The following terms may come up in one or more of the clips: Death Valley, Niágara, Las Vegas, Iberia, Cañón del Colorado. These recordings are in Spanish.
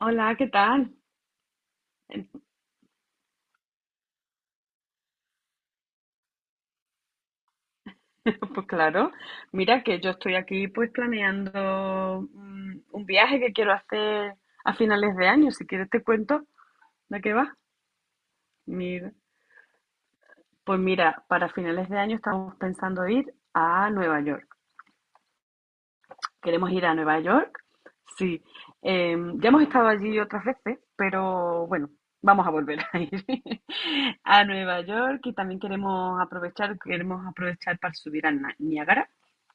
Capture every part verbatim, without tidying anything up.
Hola, ¿qué tal? Pues claro, mira que yo estoy aquí pues planeando mm, un viaje que quiero hacer a finales de año. Si quieres te cuento de qué va. Mira, pues mira, para finales de año estamos pensando ir a Nueva York. Queremos ir a Nueva York. Sí, eh, ya hemos estado allí otras veces, pero bueno, vamos a volver a ir a Nueva York y también queremos aprovechar, queremos aprovechar para subir a Na- Niágara,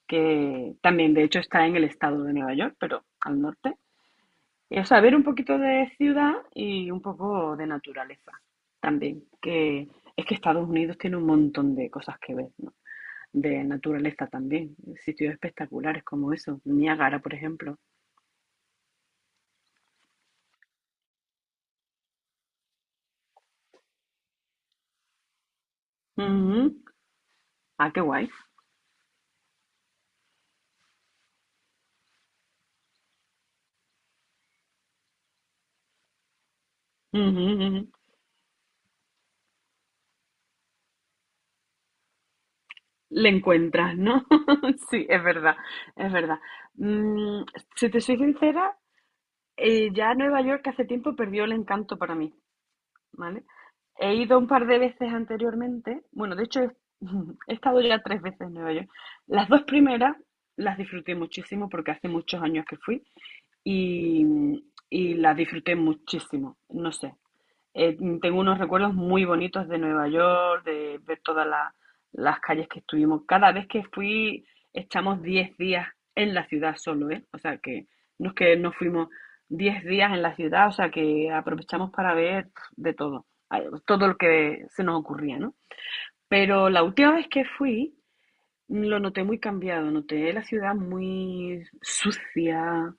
que también de hecho está en el estado de Nueva York, pero al norte. Y, o sea, ver un poquito de ciudad y un poco de naturaleza también, que es que Estados Unidos tiene un montón de cosas que ver, ¿no? De naturaleza también, sitios espectaculares como eso, Niágara, por ejemplo. Ujú. Ah, qué guay. Ujú, ujú. Le encuentras, ¿no? Sí, es verdad, es verdad. Mm, si te soy sincera, eh, ya Nueva York hace tiempo perdió el encanto para mí, ¿vale? He ido un par de veces anteriormente, bueno, de hecho he, he estado ya tres veces en Nueva York. Las dos primeras las disfruté muchísimo porque hace muchos años que fui y, y las disfruté muchísimo. No sé. Eh, tengo unos recuerdos muy bonitos de Nueva York, de ver todas la- las calles que estuvimos. Cada vez que fui, estamos diez días en la ciudad solo, ¿eh? O sea que no es que nos fuimos diez días en la ciudad, o sea que aprovechamos para ver de todo, a- todo lo que se nos ocurría, ¿no? Pero la última vez que fui, lo noté muy cambiado, noté la ciudad muy sucia,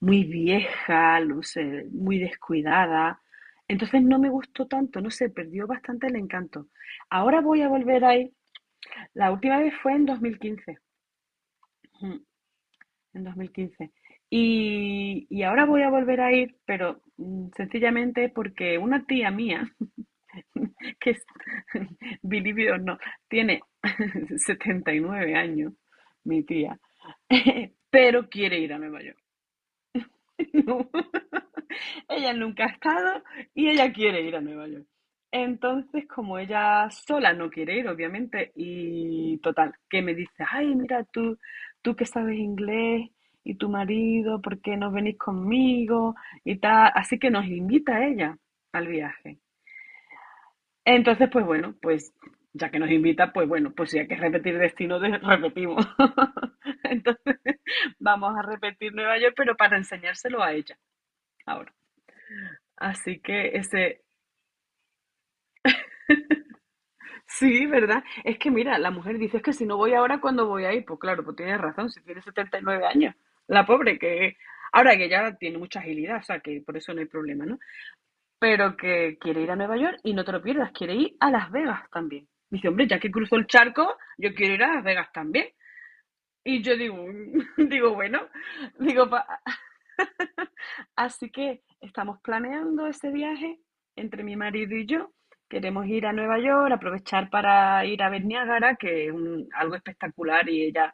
muy vieja, no sé, muy descuidada. Entonces no me gustó tanto, no sé, perdió bastante el encanto. Ahora voy a volver ahí. La última vez fue en dos mil quince, ujú, en dos mil quince. Y, y ahora voy a volver a ir, pero mm, sencillamente porque una tía mía, que es, believe it or not, tiene setenta y nueve años, mi tía, pero quiere ir a Nueva York. No. Ella nunca ha estado y ella quiere ir a Nueva York. Entonces, como ella sola no quiere ir, obviamente, y total, que me dice, ay, mira tú, tú que sabes inglés y tu marido, ¿por qué no venís conmigo? Y tal. Así que nos invita a ella al viaje. Entonces, pues bueno, pues ya que nos invita, pues bueno, pues si hay que repetir destino, de- repetimos. Entonces, vamos a repetir Nueva York, pero para enseñárselo a ella ahora. Así que ese. Sí, ¿verdad? Es que mira, la mujer dice, es que si no voy ahora, ¿cuándo voy a ir? Pues claro, pues tienes razón, si tiene setenta y nueve años, la pobre que... Ahora que ya tiene mucha agilidad, o sea que por eso no hay problema, ¿no? Pero que quiere ir a Nueva York y no te lo pierdas, quiere ir a Las Vegas también. Dice, hombre, ya que cruzó el charco, yo quiero ir a Las Vegas también. Y yo digo, digo, bueno, digo, así que estamos planeando ese viaje entre mi marido y yo. Queremos ir a Nueva York, aprovechar para ir a ver Niágara, que es un- algo espectacular y ella,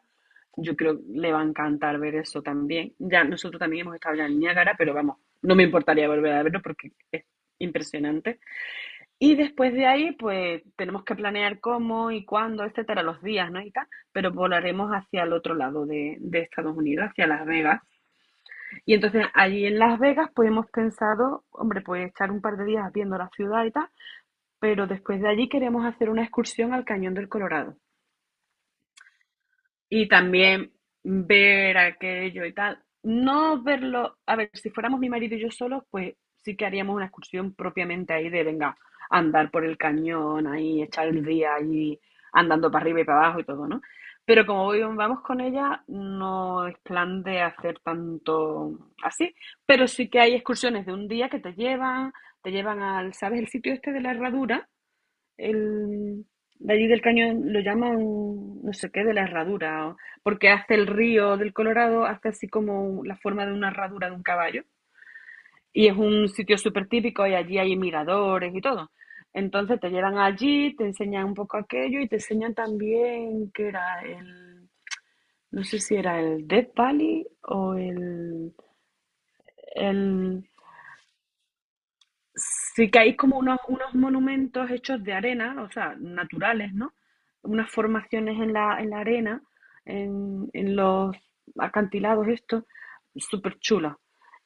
yo creo, le va a encantar ver eso también. Ya nosotros también hemos estado ya en Niágara, pero vamos, no me importaría volver a verlo porque es impresionante. Y después de ahí, pues tenemos que planear cómo y cuándo, etcétera, los días, ¿no? Y tal, pero volaremos hacia el otro lado de, de Estados Unidos, hacia Las Vegas y entonces allí en Las Vegas pues hemos pensado, hombre, pues estar un par de días viendo la ciudad y tal, pero después de allí queremos hacer una excursión al Cañón del Colorado. Y también ver aquello y tal. No verlo, a ver, si fuéramos mi marido y yo solos, pues sí que haríamos una excursión propiamente ahí de, venga, andar por el cañón, ahí, echar el día ahí, andando para arriba y para abajo y todo, ¿no? Pero como voy, vamos con ella, no es plan de hacer tanto así, pero sí que hay excursiones de un día que te llevan, te llevan al, ¿sabes? El sitio este de la herradura, el, de allí del cañón lo llaman no sé qué de la herradura, o- porque hace el río del Colorado, hace así como la forma de una herradura de un caballo. Y es un sitio súper típico y allí hay miradores y todo. Entonces te llevan allí, te enseñan un poco aquello y te enseñan también que era el, no sé si era el Death Valley o el, el. Sí que hay como unos, unos monumentos hechos de arena, o sea, naturales, ¿no? Unas formaciones en la, en la arena, en, en los acantilados estos, súper chulos.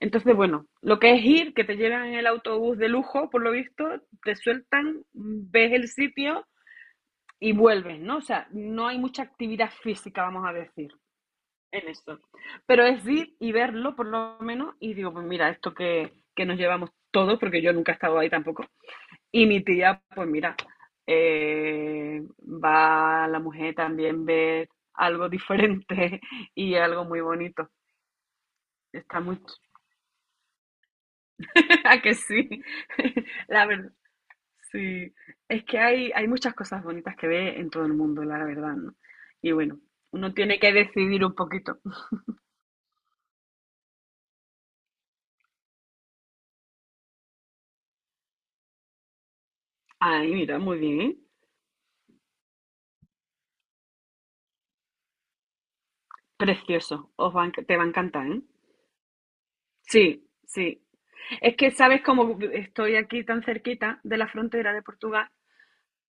Entonces, bueno, lo que es ir, que te llevan en el autobús de lujo, por lo visto, te sueltan, ves el sitio y vuelves, ¿no? O sea, no hay mucha actividad física, vamos a decir, en esto. Pero es ir y verlo, por lo menos, y digo, pues mira, esto que, que nos llevamos todos, porque yo nunca he estado ahí tampoco, y mi tía, pues mira, eh, va a la mujer también ver algo diferente y algo muy bonito. Está muy... ¿A que sí? La verdad, sí. Es que hay, hay muchas cosas bonitas que ve en todo el mundo, la verdad, ¿no? Y bueno, uno tiene que decidir un poquito. Ay, mira, muy bien. Precioso. Os va a enc- te va a encantar, ¿eh? Sí, sí. Es que sabes como estoy aquí tan cerquita de la frontera de Portugal,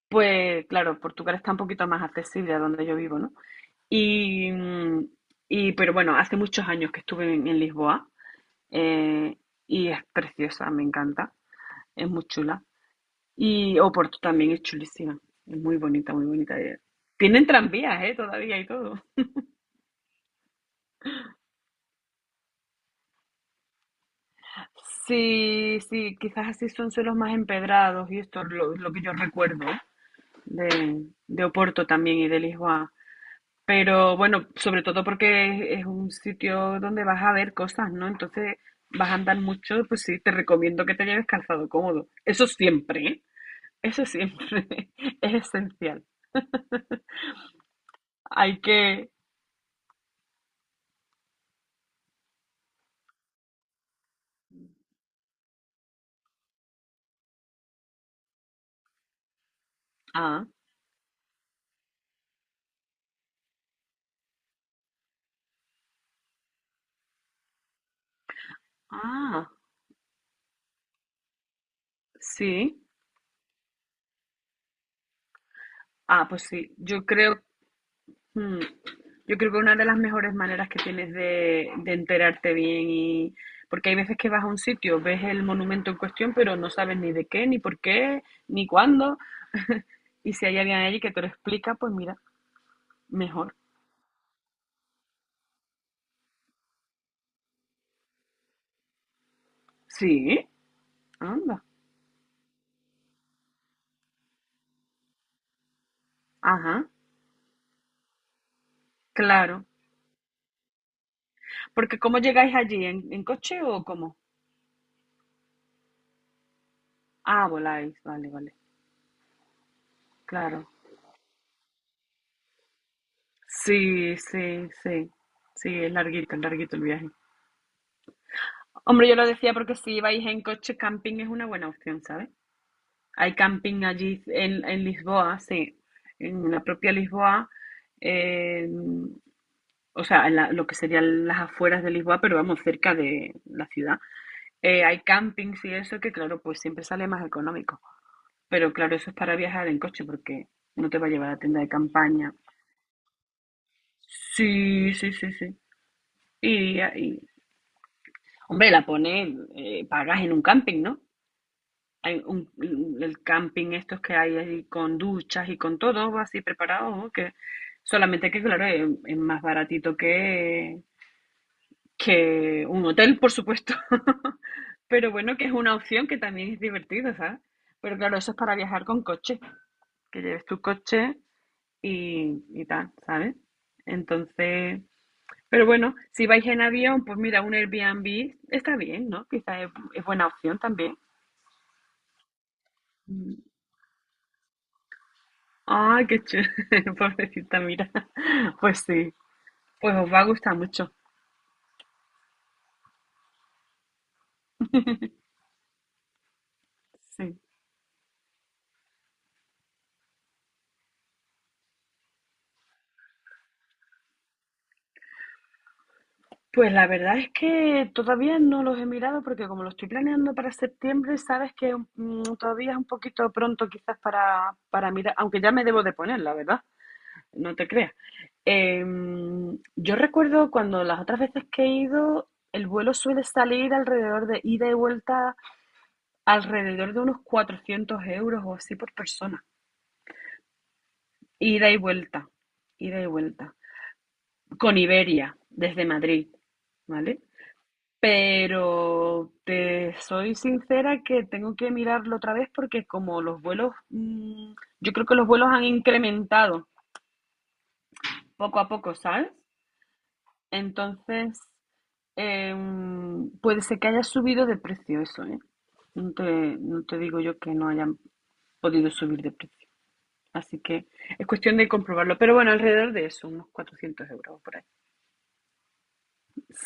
pues claro, Portugal está un poquito más accesible a donde yo vivo, ¿no? Y, mm, y pero bueno, hace muchos años que estuve en, en Lisboa, eh, y es preciosa, me encanta, es muy chula. Y Oporto también es chulísima, es muy bonita, muy bonita. eh. Tienen tranvías, ¿eh? Todavía y todo. Sí, sí, quizás así son suelos más empedrados y esto es lo, lo que yo recuerdo de, de Oporto también y de Lisboa. Pero bueno, sobre todo porque es un sitio donde vas a ver cosas, ¿no? Entonces vas a andar mucho, pues sí, te recomiendo que te lleves calzado cómodo. Eso siempre, ¿eh? Eso siempre es esencial. Hay que... Ah, ah, sí. Ah, pues sí. Yo creo Mm. Yo creo que una de las mejores maneras que tienes de, de enterarte bien y porque hay veces que vas a un sitio, ves el monumento en cuestión, pero no sabes ni de qué, ni por qué, ni cuándo. Y si hay alguien allí que te lo explica, pues mira, mejor. Sí, anda. Ajá, claro. Porque ¿cómo llegáis allí? ¿En, en coche o cómo? Ah, voláis. Vale, vale. Claro. Sí, sí, sí. Sí, es larguito, es larguito el viaje. Hombre, yo lo decía porque si vais en coche, camping es una buena opción, ¿sabes? Hay camping allí en, en Lisboa, sí, en la propia Lisboa, eh, o sea, en la- lo que serían las afueras de Lisboa, pero vamos, cerca de la ciudad. Eh, hay campings y eso que, claro, pues siempre sale más económico. Pero claro, eso es para viajar en coche porque no te va a llevar a tienda de campaña. Sí, sí, sí, sí. Y, y- Hombre, la pones, eh, pagas en un camping, ¿no? Hay un, el camping estos que hay ahí con duchas y con todo así preparado, ¿no? que solamente que claro, es, es más baratito que, que un hotel, por supuesto. Pero bueno, que es una opción que también es divertida, ¿sabes? Pero claro, eso es para viajar con coche, que lleves tu coche y, y tal, ¿sabes? Entonces, pero bueno, si vais en avión, pues mira, un Airbnb está bien, ¿no? Quizás es, es buena opción también. Ah, qué chévere, pobrecita, mira. Pues sí, pues os va a gustar mucho. Sí. Pues la verdad es que todavía no los he mirado porque como lo estoy planeando para septiembre, sabes que mm, todavía es un poquito pronto quizás para, para mirar, aunque ya me debo de poner, la verdad, no te creas. Em, yo recuerdo cuando las otras veces que he ido, el vuelo suele salir alrededor de ida y vuelta, alrededor de unos cuatrocientos euros o así por persona. Ida y vuelta, ida y vuelta. Con Iberia, desde Madrid, ¿vale? Pero te soy sincera que tengo que mirarlo otra vez porque como los vuelos, mm, yo creo que los vuelos han incrementado poco a poco, ¿sabes? Entonces, em, puede ser que haya subido de precio eso, ¿eh? No te, no te digo yo que no hayan podido subir de precio. Así que es cuestión de comprobarlo. Pero bueno, alrededor de eso, unos cuatrocientos euros por ahí.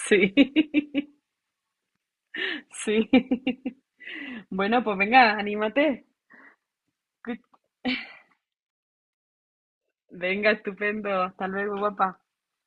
Sí, sí. Bueno, pues venga, anímate. Venga, estupendo. Hasta luego, guapa.